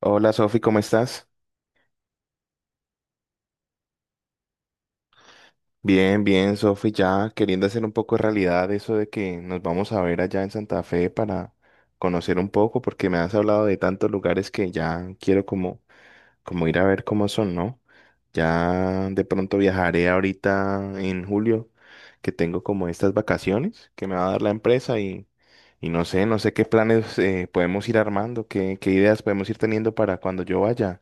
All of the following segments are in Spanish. Hola Sofi, ¿cómo estás? Bien, bien, Sofi, ya queriendo hacer un poco de realidad eso de que nos vamos a ver allá en Santa Fe para conocer un poco, porque me has hablado de tantos lugares que ya quiero como, como ir a ver cómo son, ¿no? Ya de pronto viajaré ahorita en julio, que tengo como estas vacaciones que me va a dar la empresa y no sé, no sé qué planes podemos ir armando, qué ideas podemos ir teniendo para cuando yo vaya.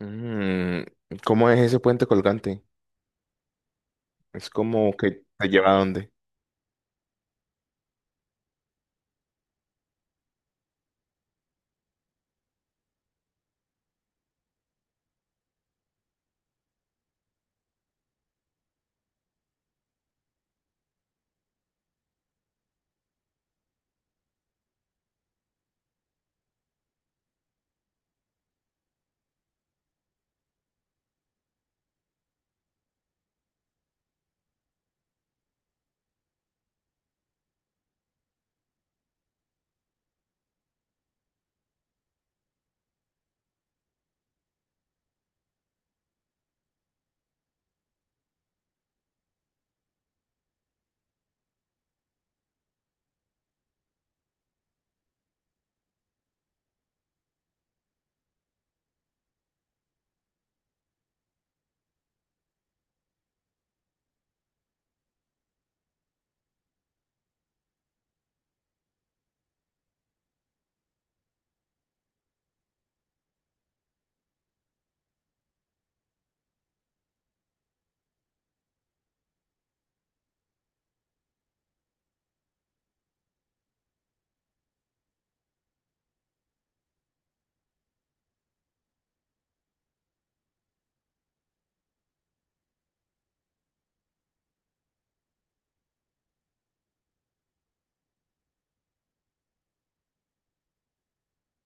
Mm, ¿cómo es ese puente colgante? Es como que te lleva a dónde.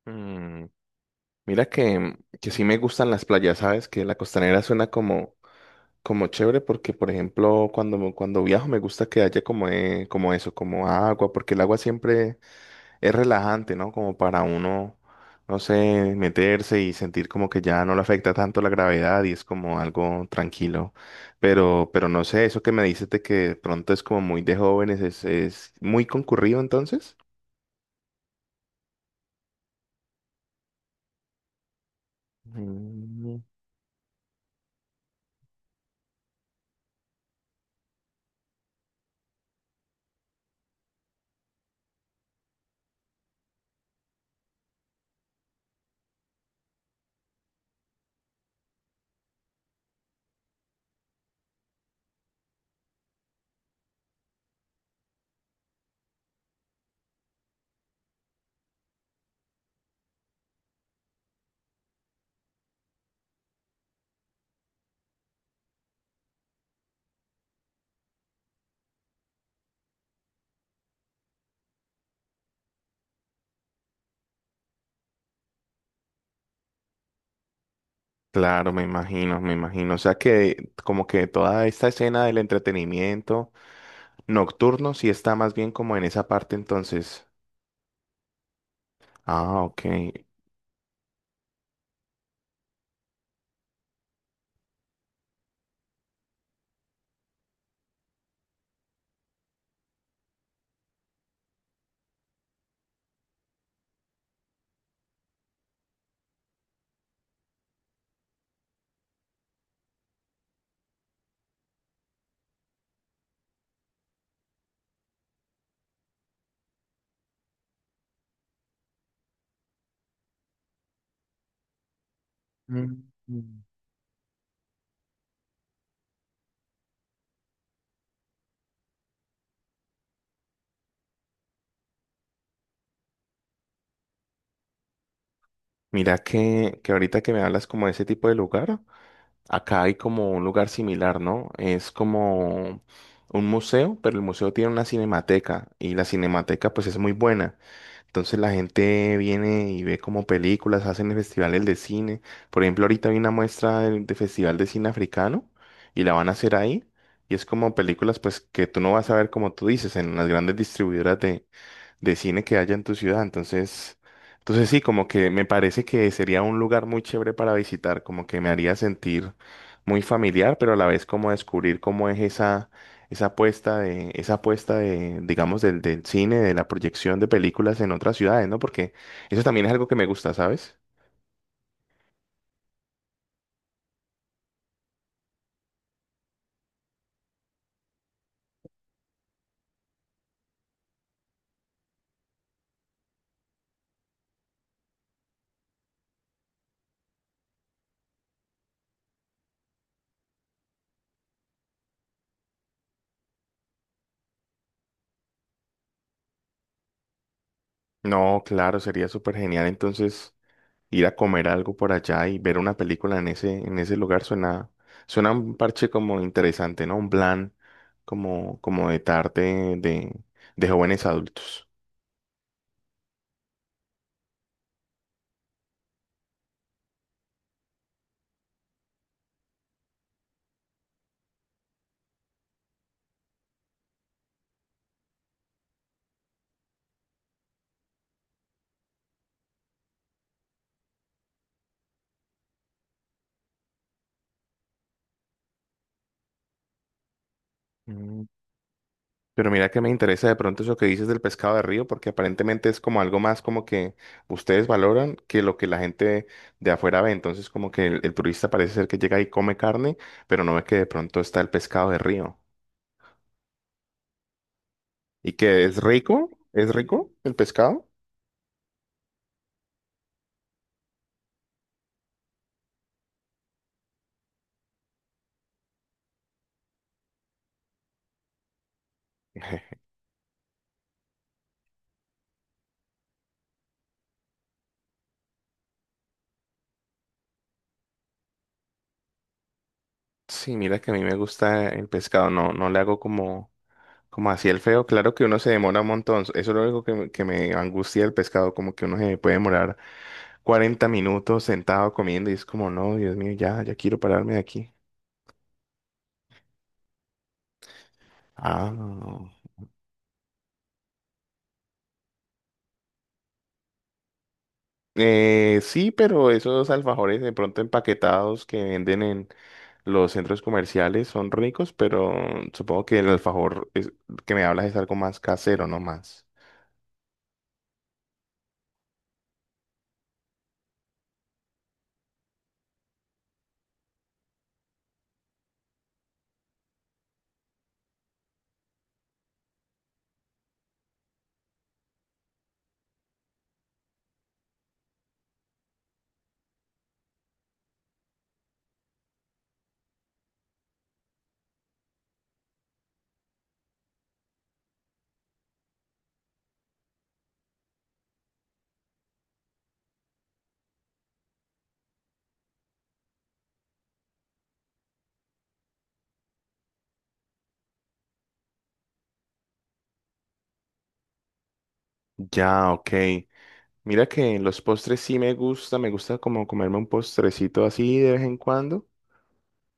Mm, mira que sí me gustan las playas, ¿sabes? Que la costanera suena como, como chévere porque, por ejemplo, cuando viajo me gusta que haya como, como eso, como agua, porque el agua siempre es relajante, ¿no? Como para uno, no sé, meterse y sentir como que ya no le afecta tanto la gravedad y es como algo tranquilo. Pero no sé, eso que me dices de que de pronto es como muy de jóvenes, es muy concurrido entonces. Mm. Claro, me imagino, me imagino. O sea que como que toda esta escena del entretenimiento nocturno sí está más bien como en esa parte entonces. Ah, ok. Mm. Mira que ahorita que me hablas como de ese tipo de lugar, acá hay como un lugar similar, ¿no? Es como un museo, pero el museo tiene una cinemateca y la cinemateca pues es muy buena. Entonces la gente viene y ve como películas, hacen festivales de cine. Por ejemplo, ahorita hay una muestra de festival de cine africano y la van a hacer ahí. Y es como películas pues que tú no vas a ver como tú dices en las grandes distribuidoras de cine que haya en tu ciudad. Entonces sí, como que me parece que sería un lugar muy chévere para visitar, como que me haría sentir muy familiar, pero a la vez como descubrir cómo es esa, esa apuesta de, digamos, del cine, de la proyección de películas en otras ciudades, ¿no? Porque eso también es algo que me gusta, ¿sabes? No, claro, sería súper genial. Entonces, ir a comer algo por allá y ver una película en ese lugar suena, suena un parche como interesante, ¿no? Un plan como, como de tarde de jóvenes adultos. Mm, pero mira que me interesa de pronto eso que dices del pescado de río, porque aparentemente es como algo más como que ustedes valoran que lo que la gente de afuera ve. Entonces como que el turista parece ser que llega y come carne, pero no ve que de pronto está el pescado de río. Y que es rico el pescado. Sí, mira que a mí me gusta el pescado, no, no le hago como, como así el feo. Claro que uno se demora un montón, eso es lo único que me angustia el pescado, como que uno se puede demorar 40 minutos sentado comiendo y es como, no, Dios mío, ya, ya quiero pararme de aquí. Ah, no, no. Sí, pero esos alfajores de pronto empaquetados que venden en los centros comerciales son ricos, pero supongo que el alfajor es- que me hablas es algo más casero, no más. Ya, ok. Mira que los postres sí me gusta como comerme un postrecito así de vez en cuando,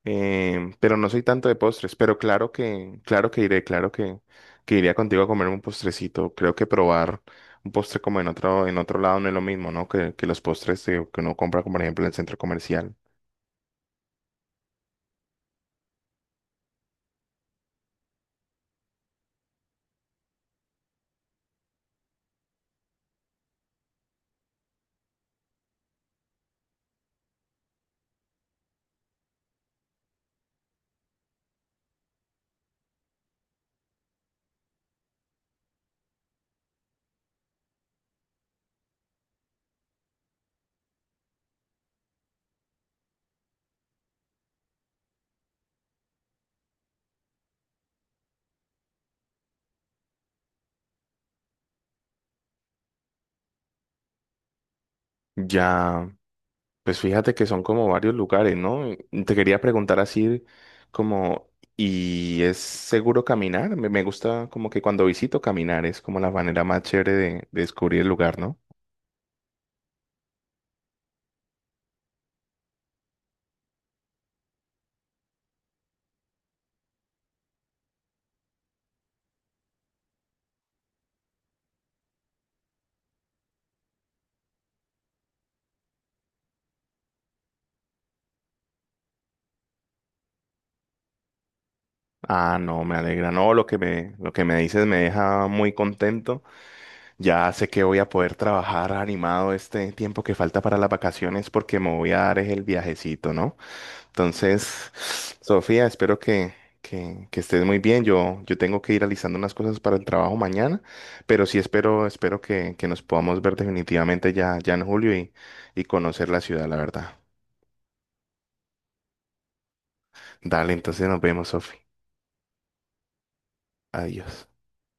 pero no soy tanto de postres, pero claro que iré, claro que iría contigo a comerme un postrecito. Creo que probar un postre como en otro lado no es lo mismo, ¿no? Que los postres que uno compra, como por ejemplo en el centro comercial. Ya. Pues fíjate que son como varios lugares, ¿no? Y te quería preguntar así como, ¿y es seguro caminar? Me gusta como que cuando visito caminar es como la manera más chévere de descubrir el lugar, ¿no? Ah, no, me alegra. No, lo que me dices me deja muy contento. Ya sé que voy a poder trabajar animado este tiempo que falta para las vacaciones porque me voy a dar es el viajecito, ¿no? Entonces, Sofía, espero que estés muy bien. Yo tengo que ir realizando unas cosas para el trabajo mañana, pero sí espero, espero que nos podamos ver definitivamente ya, ya en julio y conocer la ciudad, la verdad. Dale, entonces nos vemos, Sofía. Adiós.